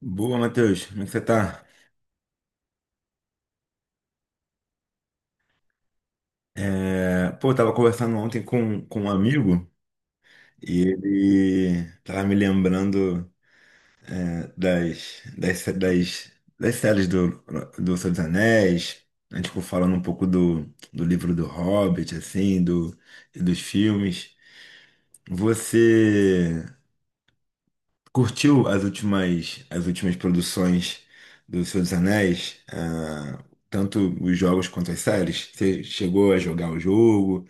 Boa, Matheus. Como é que você tá? Pô, eu tava conversando ontem com um amigo e ele tava me lembrando, né, das séries do Senhor dos Anéis. A gente ficou falando um pouco do livro do Hobbit, e dos filmes. Você curtiu as últimas produções do Senhor dos Anéis? Tanto os jogos quanto as séries? Você chegou a jogar o jogo?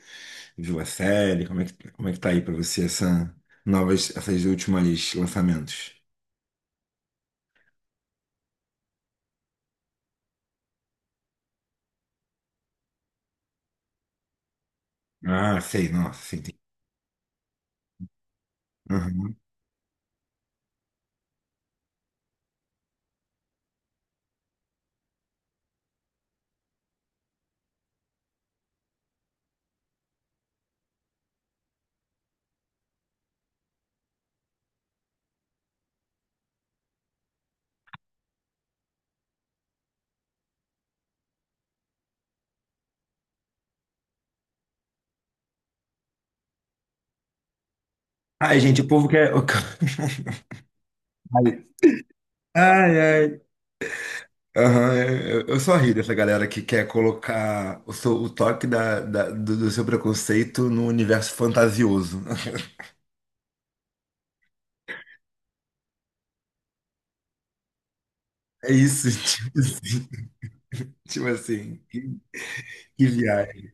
Viu a série? Como é que tá aí pra você essa novas, essas últimas lançamentos? Ah, sei, nossa, sim, tem. Uhum. Ai, gente, o povo quer. Ai, ai, ai. Aham, é, eu só ri dessa galera que quer colocar o toque do seu preconceito no universo fantasioso. É isso, tipo assim. Tipo assim, que viagem.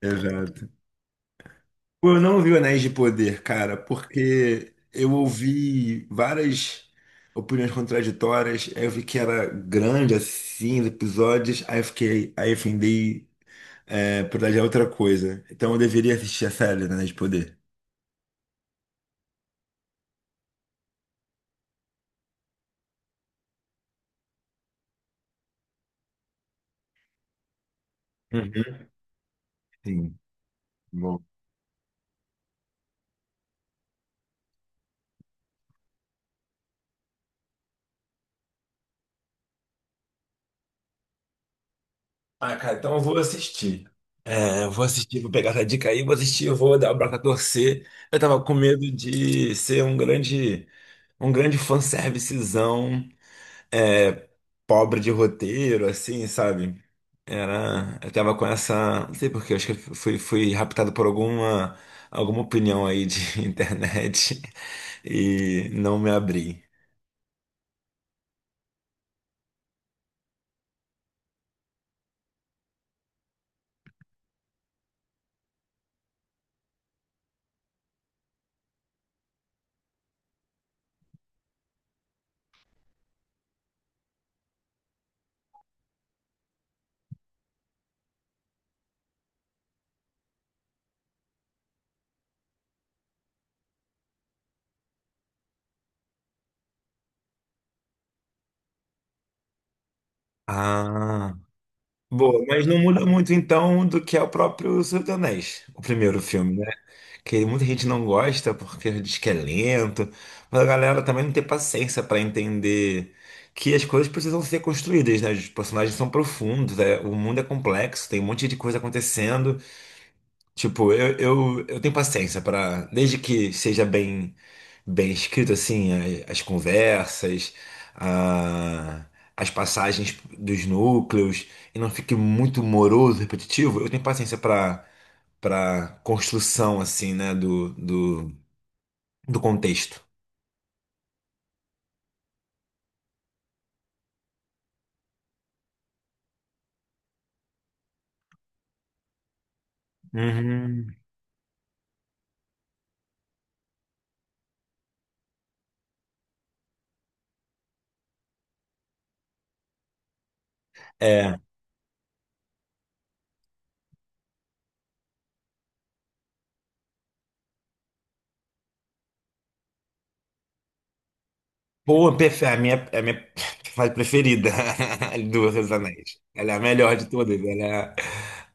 Exato. Pô, eu não vi o Anéis de Poder, cara, porque eu ouvi várias opiniões contraditórias, aí eu vi que era grande assim, os episódios, aí eu findei, é, por olhar outra coisa. Então eu deveria assistir a série do Anéis de Poder. Uhum. Sim, bom. Ah, cara, então eu vou assistir. É, eu vou assistir, vou pegar essa dica aí, vou assistir, eu vou dar o braço a torcer. Eu tava com medo de ser um grande fanservicezão pobre de roteiro, assim, sabe? Era, eu tava com essa, não sei por quê, acho que fui raptado por alguma opinião aí de internet e não me abri. Ah, boa, mas não muda muito então do que é o próprio Senhor dos Anéis, o primeiro filme, né? Que muita gente não gosta porque diz que é lento, mas a galera também não tem paciência para entender que as coisas precisam ser construídas, né? Os personagens são profundos, é, o mundo é complexo, tem um monte de coisa acontecendo. Tipo, eu tenho paciência para, desde que seja bem escrito assim, as conversas, a- as passagens dos núcleos e não fique muito moroso, repetitivo, eu tenho paciência para construção assim, né, do contexto. Uhum. É, pô, perfe- a minha fase preferida do Reis dos Anéis. Ela é a melhor de todas,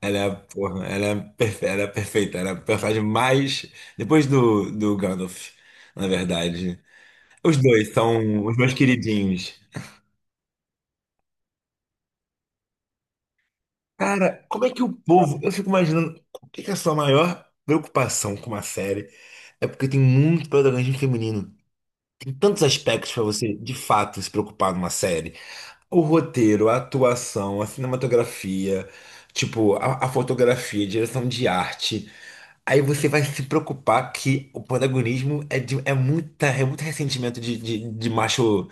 ela é, porra, perfe- ela é perfeita, ela é a personagem mais depois do Gandalf, na verdade. Os dois são os meus queridinhos. Cara, como é que o povo, eu fico imaginando, o que que é a sua maior preocupação com uma série? É porque tem muito protagonismo feminino. Tem tantos aspectos para você, de fato, se preocupar numa série. O roteiro, a atuação, a cinematografia, tipo, a fotografia, a direção de arte. Aí você vai se preocupar que o protagonismo é muito ressentimento de macho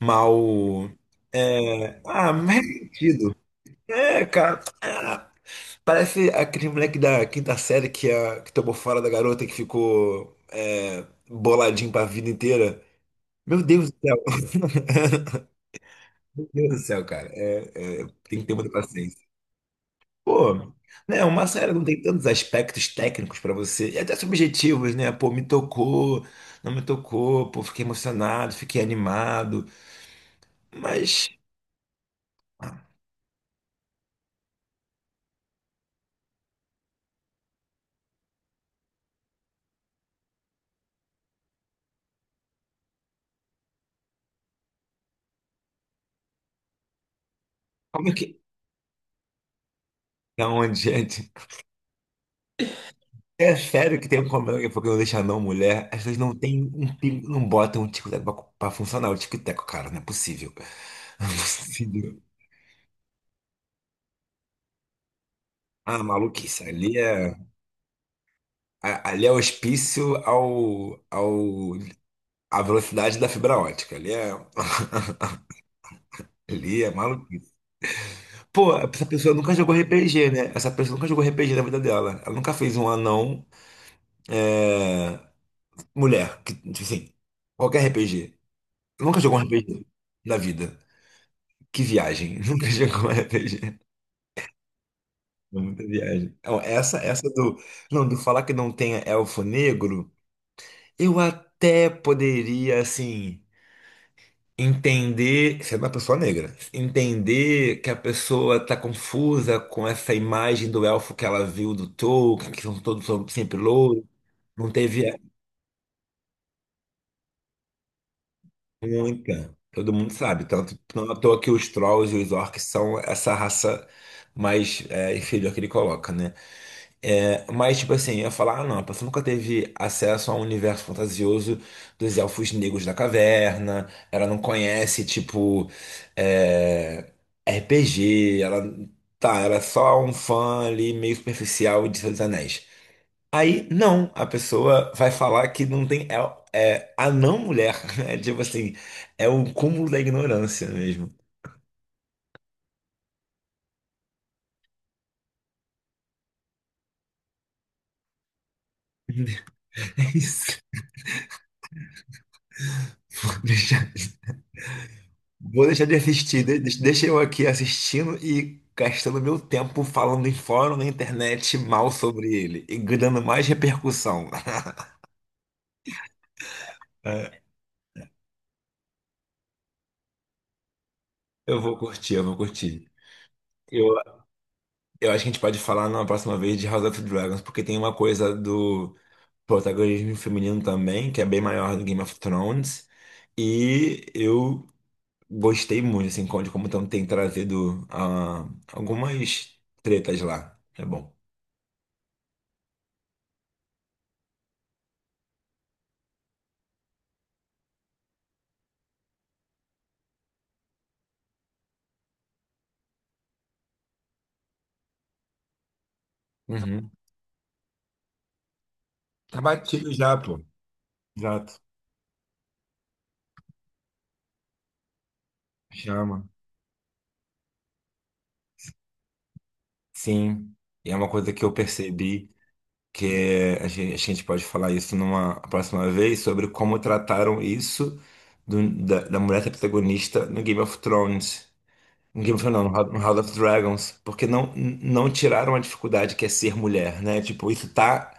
mal. É, ah, mais ressentido. É, cara, ah, parece aquele moleque da quinta série que tomou fora da garota que ficou, é, boladinho pra vida inteira. Meu Deus do céu. Meu Deus do céu, cara. É, tem que ter muita paciência. Pô, né, uma série não tem tantos aspectos técnicos pra você, e até subjetivos, né? Pô, me tocou, não me tocou, pô, fiquei emocionado, fiquei animado. Mas ah, como é que. Da onde, gente? É sério que tem um problema que foi que não deixa não mulher. As pessoas não tem um pingo, não botam um tico-teco pra funcionar o tico-teco, cara. Não é possível. Não é possível. Ah, maluquice. Ali é, ali é hospício ao a velocidade da fibra ótica. Ali é, ali é maluquice. Pô, essa pessoa nunca jogou RPG, né? Essa pessoa nunca jogou RPG na vida dela. Ela nunca fez um anão, é, mulher. Que, tipo assim, qualquer RPG. Nunca jogou um Sim. RPG na vida. Que viagem. Nunca jogou um RPG. É muita viagem. Então, essa do. Não, do falar que não tem elfo negro, eu até poderia, assim, entender, sendo uma pessoa negra, entender que a pessoa está confusa com essa imagem do elfo que ela viu do Tolkien, que são todos são sempre louros, não teve muita. Todo mundo sabe, tanto não é à toa que os trolls e os orcs são essa raça mais, é, inferior que ele coloca, né? É, mas, tipo assim, eu ia falar, ah, não, a pessoa nunca teve acesso ao universo fantasioso dos elfos negros da caverna, ela não conhece, tipo, é, RPG, ela, tá, ela é só um fã ali meio superficial de Senhor dos Anéis. Aí, não, a pessoa vai falar que não tem, é, é a não mulher, né? Tipo assim, é o cúmulo da ignorância mesmo. É isso. Vou deixar. Vou deixar de assistir. Deixa eu aqui assistindo e gastando meu tempo falando em fórum na internet mal sobre ele e dando mais repercussão. É, eu vou curtir. Eu, eu acho que a gente pode falar na próxima vez de House of Dragons, porque tem uma coisa do protagonismo feminino também, que é bem maior do Game of Thrones. E eu gostei muito, assim, de como tão- tem trazido ah, algumas tretas lá. É bom. Uhum. Tá batido já, pô. Exato. Chama. Sim. E é uma coisa que eu percebi que é- a gente pode falar isso numa próxima vez sobre como trataram isso do- da mulher ser protagonista no Game of Thrones. No Game of Thrones, não, no House no House of Dragons. Porque não, não tiraram a dificuldade que é ser mulher, né? Tipo, isso tá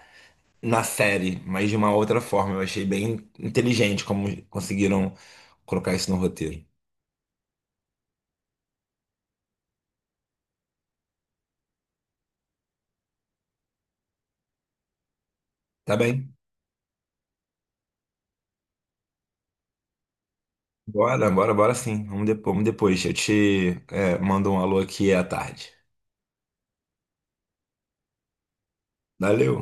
na série, mas de uma outra forma. Eu achei bem inteligente como conseguiram colocar isso no roteiro. Tá bem? Bora sim. Vamos depois, vamos depois. Eu te, é, mando um alô aqui à tarde. Valeu.